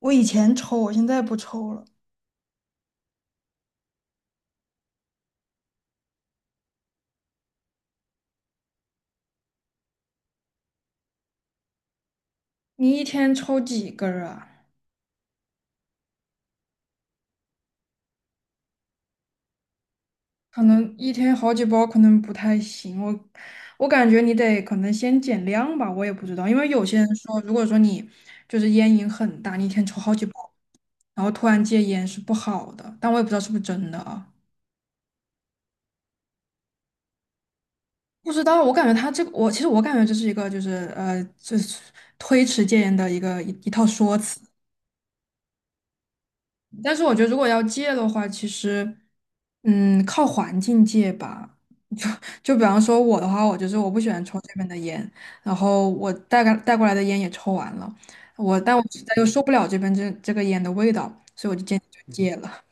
我以前抽，我现在不抽了。你一天抽几根儿啊？可能一天好几包，可能不太行。我感觉你得可能先减量吧，我也不知道，因为有些人说，如果说你就是烟瘾很大，你一天抽好几包，然后突然戒烟是不好的，但我也不知道是不是真的啊。不知道，我感觉他这个，我其实我感觉这是一个就是就是推迟戒烟的一个一套说辞。但是我觉得如果要戒的话，其实，靠环境戒吧。就就比方说我的话，我就是我不喜欢抽这边的烟，然后我带过来的烟也抽完了，但我实在又受不了这边这个烟的味道，所以我就坚决就戒了。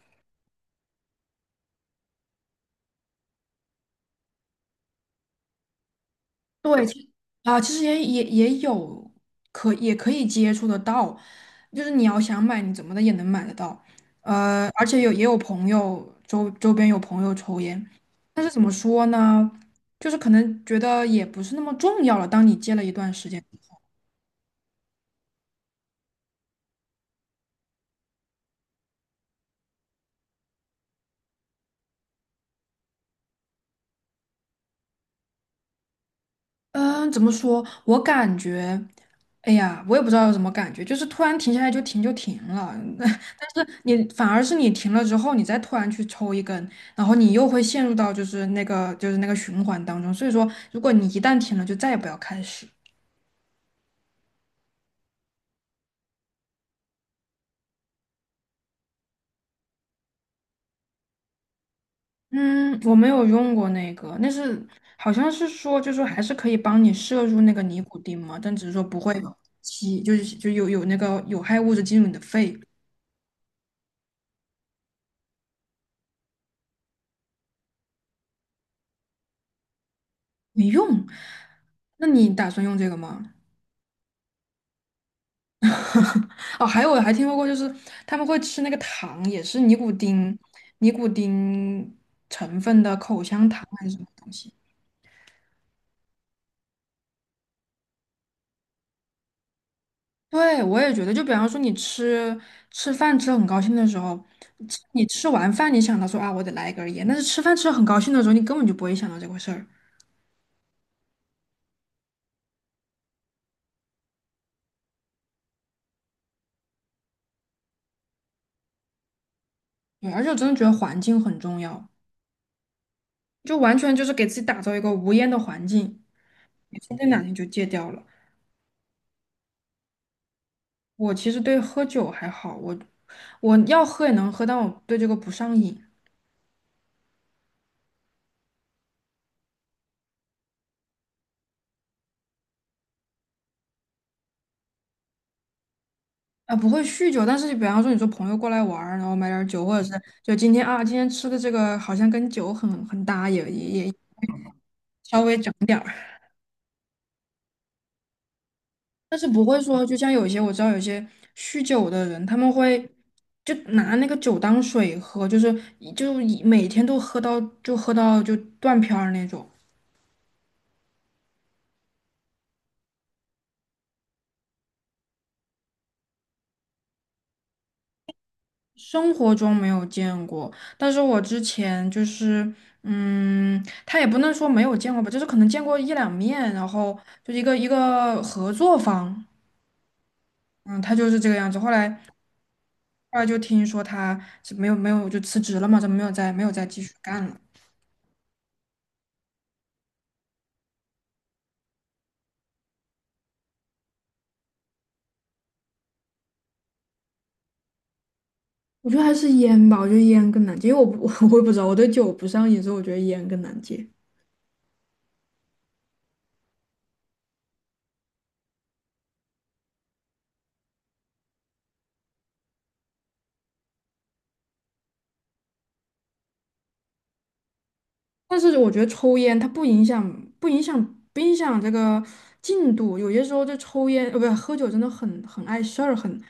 对，其实也有也可以接触得到，就是你要想买，你怎么的也能买得到。而且也有朋友周边有朋友抽烟，但是怎么说呢，就是可能觉得也不是那么重要了。当你戒了一段时间。嗯，怎么说？我感觉，哎呀，我也不知道有什么感觉，就是突然停下来就停了。但是你反而是你停了之后，你再突然去抽一根，然后你又会陷入到就是那个循环当中。所以说，如果你一旦停了，就再也不要开始。嗯，我没有用过那个，好像是说，就是说还是可以帮你摄入那个尼古丁嘛，但只是说不会吸，就是有那个有害物质进入你的肺，没用。那你打算用这个吗？哦，还有我还听说过，就是他们会吃那个糖，也是尼古丁成分的口香糖还是什么东西。对，我也觉得，就比方说你吃饭吃得很高兴的时候，你吃完饭你想到说啊，我得来一根儿烟，但是吃饭吃得很高兴的时候，你根本就不会想到这回事儿。对，而且我真的觉得环境很重要，就完全就是给自己打造一个无烟的环境，你说不定哪天就戒掉了。我其实对喝酒还好，我要喝也能喝，但我对这个不上瘾啊，不会酗酒。但是比方说，你说朋友过来玩儿，然后买点儿酒，或者是就今天啊，今天吃的这个好像跟酒很搭，也稍微整点儿，但是不会说，就像我知道有些酗酒的人，他们会就拿那个酒当水喝，就是一每天都喝到断片儿那种。生活中没有见过，但是我之前就是，他也不能说没有见过吧，就是可能见过一两面，然后就一个合作方，嗯，他就是这个样子。后来就听说他是没有就辞职了嘛，就没有再继续干了。我觉得还是烟吧，我觉得烟更难戒，因为我不 我也不知道，我对酒不上瘾，所以我觉得烟更难戒。但是我觉得抽烟它不影响，不影响这个进度。有些时候就抽烟，不是喝酒，真的很碍事儿，很，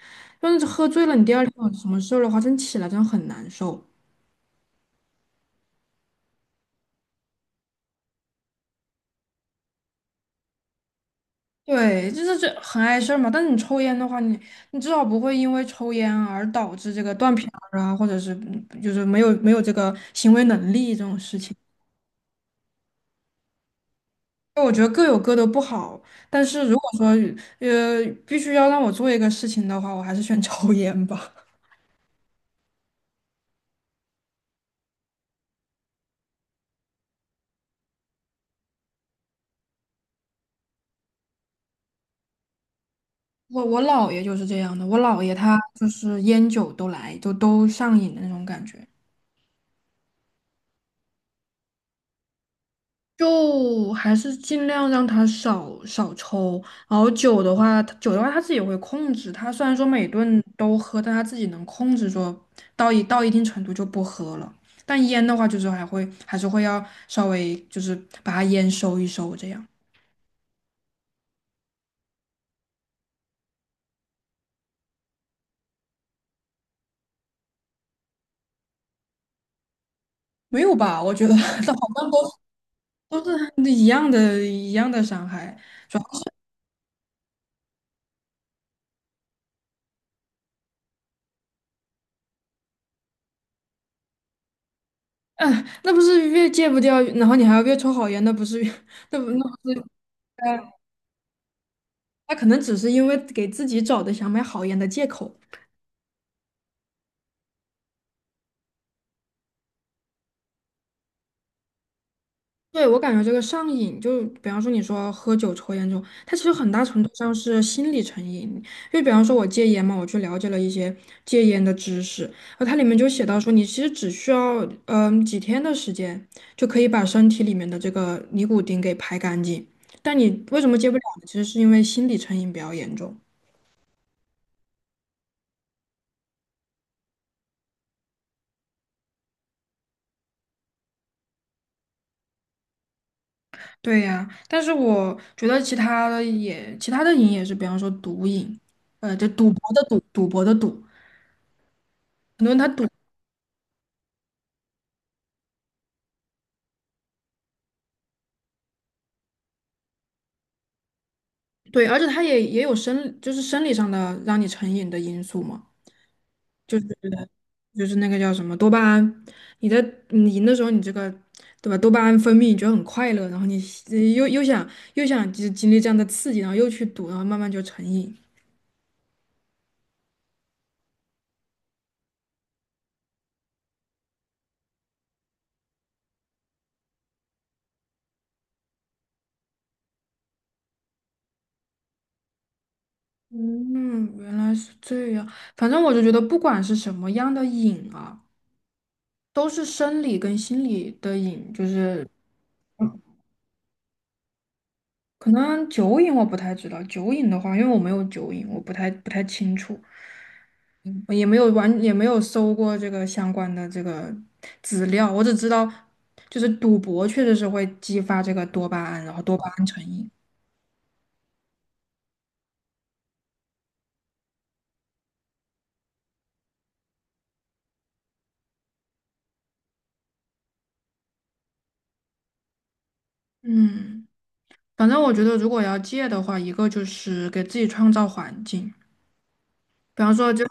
就是喝醉了，你第二天有什么事儿的话，真起来真的很难受。对，就是这很碍事儿嘛。但是你抽烟的话，你至少不会因为抽烟而导致这个断片儿啊，或者是就是没有这个行为能力这种事情。我觉得各有各的不好，但是如果说必须要让我做一个事情的话，我还是选 抽烟吧。我姥爷就是这样的，我姥爷他就是烟酒都来，就都上瘾的那种感觉，就还是尽量让他少抽，然后酒的话，他酒的话他自己会控制，他虽然说每顿都喝，但他自己能控制说到一定程度就不喝了，但烟的话就是还是会要稍微就是把它烟收一收这样，没有吧？我觉得 好像都是一样的伤害。嗯，那不是越戒不掉，然后你还要越抽好烟，那不是越 那不是，呃，他可能只是因为给自己找的想买好烟的借口。对，我感觉这个上瘾，就比方说你说喝酒、抽烟这种，它其实很大程度上是心理成瘾。就比方说我戒烟嘛，我去了解了一些戒烟的知识，然后它里面就写到说，你其实只需要几天的时间，就可以把身体里面的这个尼古丁给排干净。但你为什么戒不了呢？其实是因为心理成瘾比较严重。对呀，但是我觉得其他的瘾也是，比方说毒瘾，就赌博的赌很多人他赌，对，而且他也就是生理上的让你成瘾的因素嘛，就是那个叫什么多巴胺，你的你赢的时候，你这个对吧，多巴胺分泌，你觉得很快乐，然后你呃又又想又想经历这样的刺激，然后又去赌，然后慢慢就成瘾。嗯，原来是这样。反正我就觉得，不管是什么样的瘾啊。都是生理跟心理的瘾，就是嗯可能酒瘾我不太知道，酒瘾的话，因为我没有酒瘾，我不太清楚，嗯也没有搜过这个相关的这个资料，我只知道就是赌博确实是会激发这个多巴胺，然后多巴胺成瘾。嗯，反正我觉得如果要戒的话，一个就是给自己创造环境，比方说。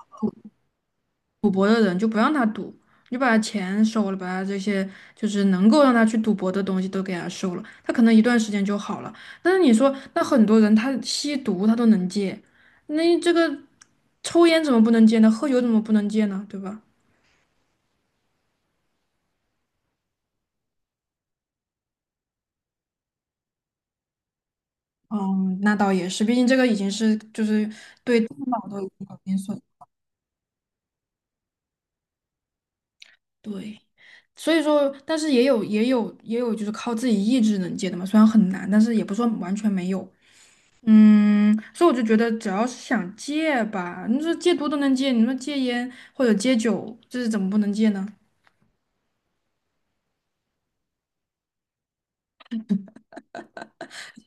赌博的人，就不让他赌，你就把他钱收了，把他这些就是能够让他去赌博的东西都给他收了，他可能一段时间就好了。但是你说，那很多人他吸毒他都能戒，那这个抽烟怎么不能戒呢？喝酒怎么不能戒呢？对吧？嗯，那倒也是，毕竟这个已经是就是脑都已经有点损对，所以说，但是也有就是靠自己意志能戒的嘛，虽然很难，但是也不是说完全没有。所以我就觉得，只要是想戒吧，你说戒毒都能戒，你说戒烟或者戒酒，这是怎么不能戒呢？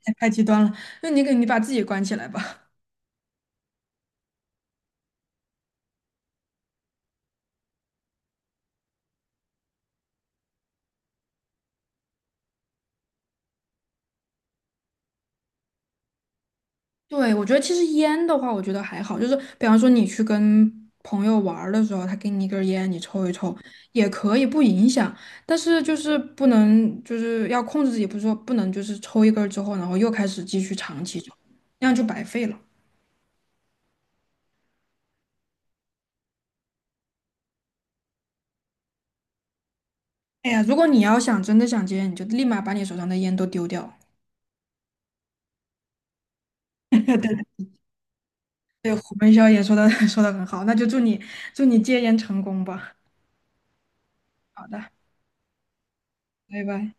太极端了，那你给你把自己关起来吧。对，我觉得其实烟的话，我觉得还好，就是比方说你去跟朋友玩儿的时候，他给你一根烟，你抽一抽也可以，不影响。但是就是不能，就是要控制自己，不是说不能就是抽一根儿之后，然后又开始继续长期抽，那样就白费了。哎呀，如果你要想真的想戒烟，你就立马把你手上的烟都丢掉。对，虎门销也说的 说的很好，那就祝你戒烟成功吧。好的，拜拜。